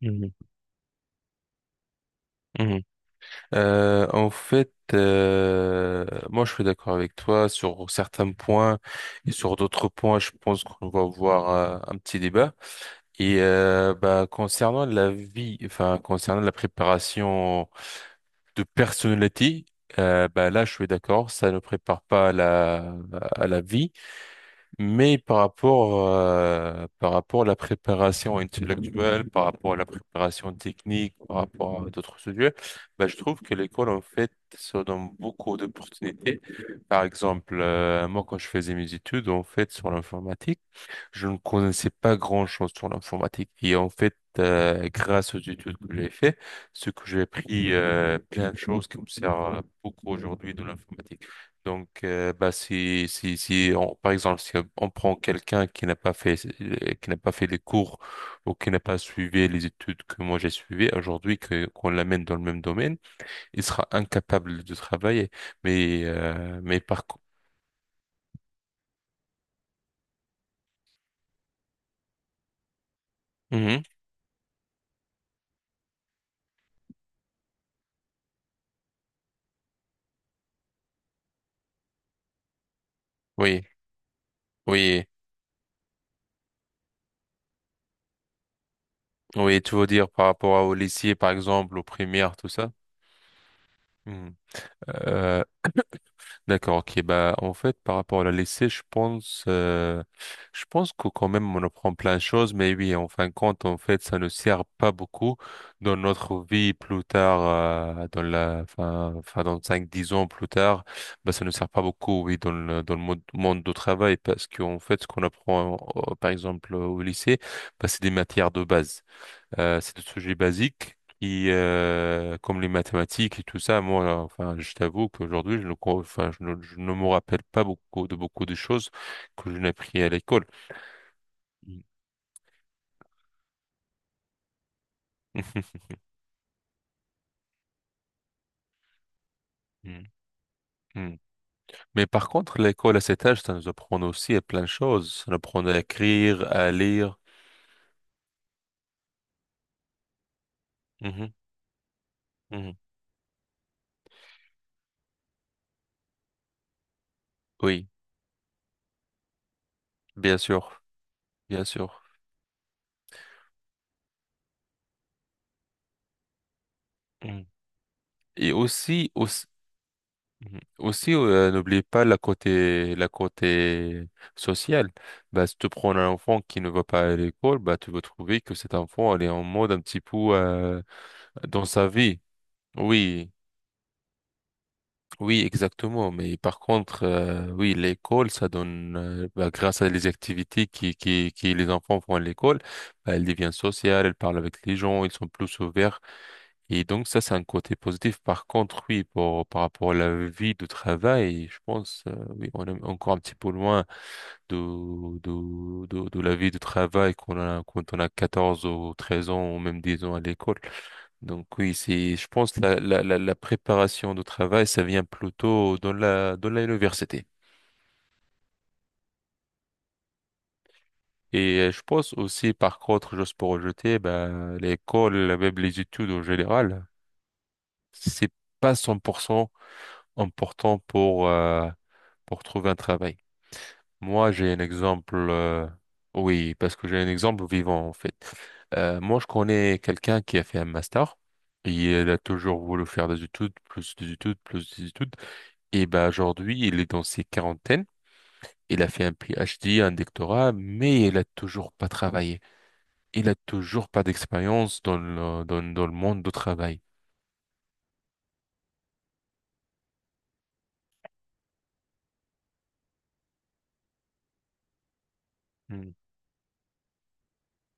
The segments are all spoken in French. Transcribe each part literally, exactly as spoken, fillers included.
Mhm, mhm. Euh, en fait, euh, moi je suis d'accord avec toi sur certains points et sur d'autres points, je pense qu'on va avoir euh, un petit débat. Et euh, bah, concernant la vie, enfin concernant la préparation de personnalité, euh, bah, là je suis d'accord, ça ne prépare pas à la, à la vie. Mais par rapport, euh, par rapport à la préparation intellectuelle, par rapport à la préparation technique, par rapport à d'autres sujets, bah, je trouve que l'école, en fait, se donne beaucoup d'opportunités. Par exemple, euh, moi, quand je faisais mes études, en fait, sur l'informatique, je ne connaissais pas grand-chose sur l'informatique. Et en fait, euh, grâce aux études que j'ai fait, ce que j'ai appris, euh, plein de choses qui me servent beaucoup aujourd'hui de l'informatique. Donc, euh, bah, si, si, si on- par exemple, si on prend quelqu'un qui n'a pas fait, euh, qui n'a pas fait les cours ou qui n'a pas suivi les études que moi j'ai suivies aujourd'hui, que, qu'on l'amène dans le même domaine, il sera incapable de travailler. Mais, euh, mais par contre, Mhm. Oui, oui. Oui, tu veux dire par rapport à- au lycée, par exemple, aux primaires, tout ça? Hmm. Euh, d'accord, ok. Bah, en fait, par rapport à la lycée, je pense, euh, je pense que quand même, on apprend plein de choses, mais oui, en fin de compte, en fait, ça ne sert pas beaucoup dans notre vie plus tard, euh, dans la, enfin, enfin, dans cinq, dix ans plus tard, bah, ça ne sert pas beaucoup, oui, dans le, dans le monde, monde du travail, parce qu'en fait, ce qu'on apprend, euh, par exemple, au lycée, bah, c'est des matières de base. Euh, c'est des sujets basiques qui, euh, comme les mathématiques et tout ça, moi, euh, enfin, je t'avoue qu'aujourd'hui, je ne, co- enfin, je ne, je ne me rappelle pas beaucoup de beaucoup de choses que je n'ai appris à l'école. Mm. Mm. Mm. Mais par contre, l'école à cet âge, ça nous apprend aussi à plein de choses. Ça nous apprend à écrire, à lire. Mhm. Mhm. Oui, bien sûr, bien sûr. Mm. Et aussi, aussi, Mhm. Aussi, euh, n'oubliez pas la côté, la côté sociale. Bah, si tu prends un enfant qui ne va pas à l'école, bah, tu vas trouver que cet enfant, elle est en mode un petit peu euh, dans sa vie. Oui, oui, exactement. Mais par contre, euh, oui, l'école, ça donne, euh, bah, grâce à les activités qui, qui, qui les enfants font à l'école, bah, elle devient sociale, elle parle avec les gens, ils sont plus ouverts et donc ça, c'est un côté positif. Par contre, oui, pour, par rapport à la vie de travail, je pense, euh, oui, on est encore un petit peu loin de, de, de, de la vie de travail qu'on a quand on a quatorze ou treize ans ou même dix ans à l'école. Donc oui, c'est, je pense, la, la, la, la préparation de travail, ça vient plutôt dans la, dans l'université. Et euh, je pense aussi, par contre, juste pour rejeter, bah, l'école, même les études en général, c'est pas cent pour cent important pour, euh, pour trouver un travail. Moi, j'ai un exemple, euh, oui, parce que j'ai un exemple vivant, en fait. Euh, moi, je connais quelqu'un qui a fait un master. Et il a toujours voulu faire des études, plus des études, plus des études. Et ben aujourd'hui, il est dans ses quarantaines. Il a fait un PhD, un doctorat, mais il a toujours pas travaillé. Il a toujours pas d'expérience dans le, dans, dans le monde du travail. Mm.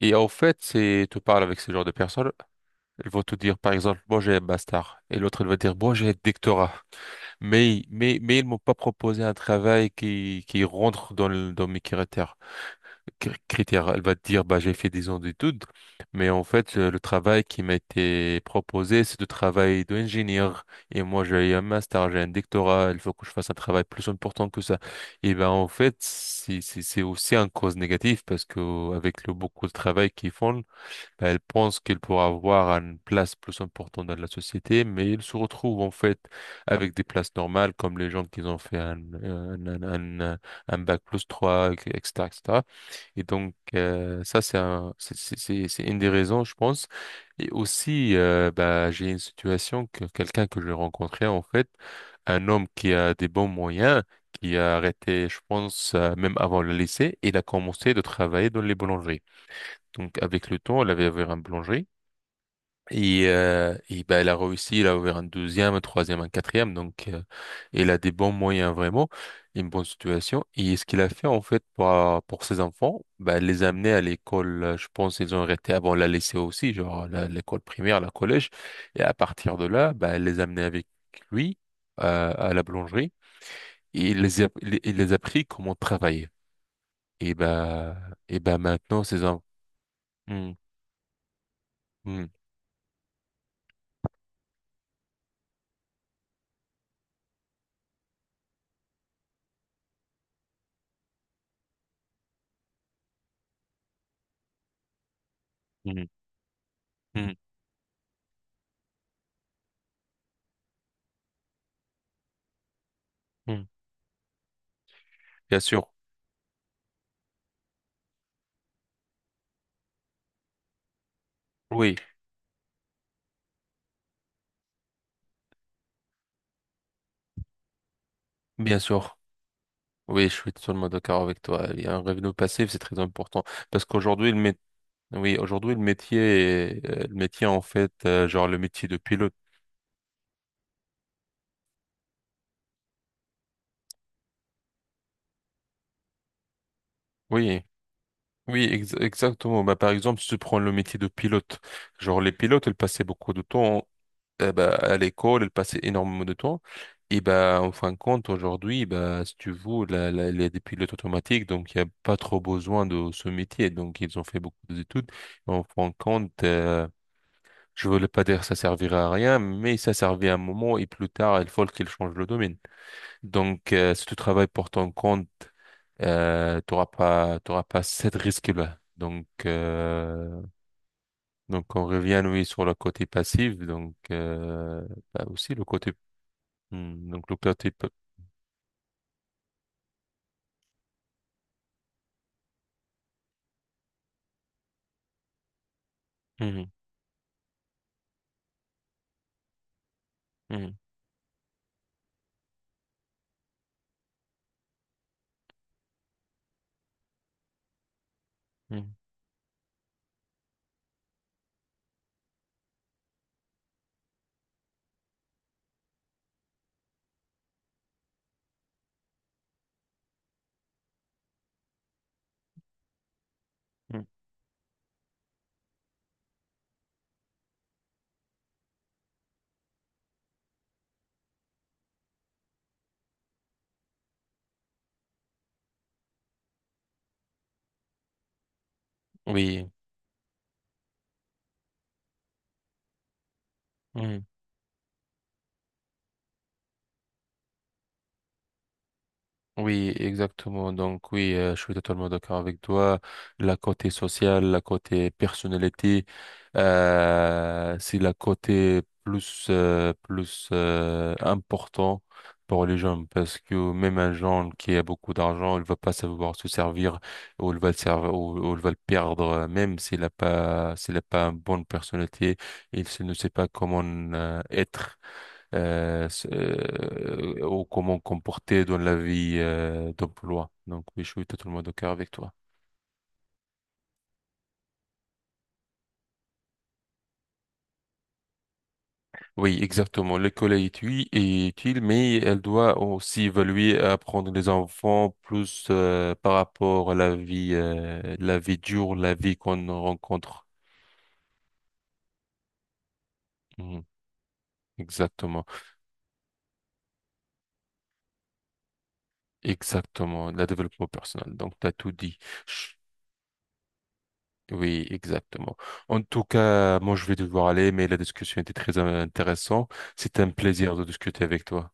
Et en fait, c'est, tu parles avec ce genre de personnes. Ils vont te dire, par exemple, moi j'ai un master. Et l'autre, il va dire, moi j'ai un doctorat. Mais, mais, mais ils m'ont pas proposé un travail qui, qui rentre dans, le- dans mes critères. Cri- critères. Elle va te dire, bah, j'ai fait 10 ans d'études. Mais en fait, euh, le travail qui m'a été proposé, c'est de travail d'ingénieur. Et moi, j'ai un master, j'ai un doctorat. Il faut que je fasse un travail plus important que ça. Et ben, en fait, c'est, c'est c'est aussi un cause négative parce que avec le beaucoup de travail qu'ils font, elle pense qu'elle pourra avoir une place plus importante dans la société, mais il se retrouve en fait avec des places normales comme les gens qui ont fait un, un, un, un- un- un bac plus trois, et cetera, et cetera. Et cetera. Et donc, euh, ça, c'est un, c'est c'est- c'est- c'est une des raisons, je pense. Et aussi, euh, bah, j'ai une situation que quelqu'un que j'ai rencontré, en fait, un homme qui a des bons moyens, qui a arrêté, je pense, euh, même avant le lycée, il a commencé de travailler dans les boulangeries. Donc avec le temps, elle avait ouvert un boulangerie. Et, euh, et ben, elle a réussi, elle a ouvert un deuxième, un troisième, un quatrième. Donc euh, elle a des bons moyens vraiment, une bonne situation. Et ce qu'il a fait en fait pour, pour ses enfants, ben, elle les a amenés à l'école. euh, Je pense ils ont arrêté avant la lycée aussi, genre la- l'école primaire, la collège. Et à partir de là, ben, elle les a amenés avec lui euh, à la boulangerie. Et il les a, il il les a appris comment travailler. Et ben, et ben maintenant, ces enfants... hmm, hmm, hmm, hmm, hmm. Bien sûr, oui, bien sûr. Oui, je suis totalement d'accord avec toi. Il y a un revenu passif, c'est très important. Parce qu'aujourd'hui, le mét- oui, aujourd'hui, le métier, est- euh, le métier, en fait, euh, genre le métier de pilote. Oui, oui, ex- exactement. Bah, par exemple, si tu prends le métier de pilote, genre les pilotes, ils passaient beaucoup de temps eh ben, à l'école, elle passait énormément de temps. Et bah en fin de compte, aujourd'hui, bah si tu veux, la, la, les des pilotes automatiques, donc il n'y a pas trop besoin de ce métier. Donc, ils ont fait beaucoup d'études. En fin de compte, euh, je ne voulais pas dire que ça servirait à rien, mais ça servait à un moment et plus tard, il faut qu'ils changent le domaine. Donc, euh, si tu travailles pour ton compte, euh, tu n'auras pas, t'auras pas cette risque-là. Donc, euh, donc on revient, oui, sur le côté passif. Donc, euh, bah aussi le côté Hmm, donc le plat est pas... Hmm, hmm, hmm, hmm. Oui. Hmm. Oui, exactement. Donc oui, euh, je suis totalement d'accord avec toi. La côté sociale, la côté personnalité, euh, c'est la côté plus euh, plus euh, important pour les jeunes parce que même un jeune qui a beaucoup d'argent, il va pas savoir se servir ou il va le servir ou, ou il va le perdre euh, même s'il a pas s'il a pas une bonne personnalité, il se- ne sait pas comment euh, être euh, s- euh, ou comment comporter dans la vie euh, d'emploi. Donc oui, je suis totalement d'accord avec toi. Oui, exactement. L'école est utile, est utile, mais elle doit aussi évaluer et apprendre les enfants plus euh, par rapport à la vie, euh, la vie dure, la vie qu'on rencontre. Mhm. Exactement, exactement, le développement personnel. Donc, tu as tout dit. Oui, exactement. En tout cas, moi, je vais devoir aller, mais la discussion était très euh, intéressante. C'était un plaisir de discuter avec toi.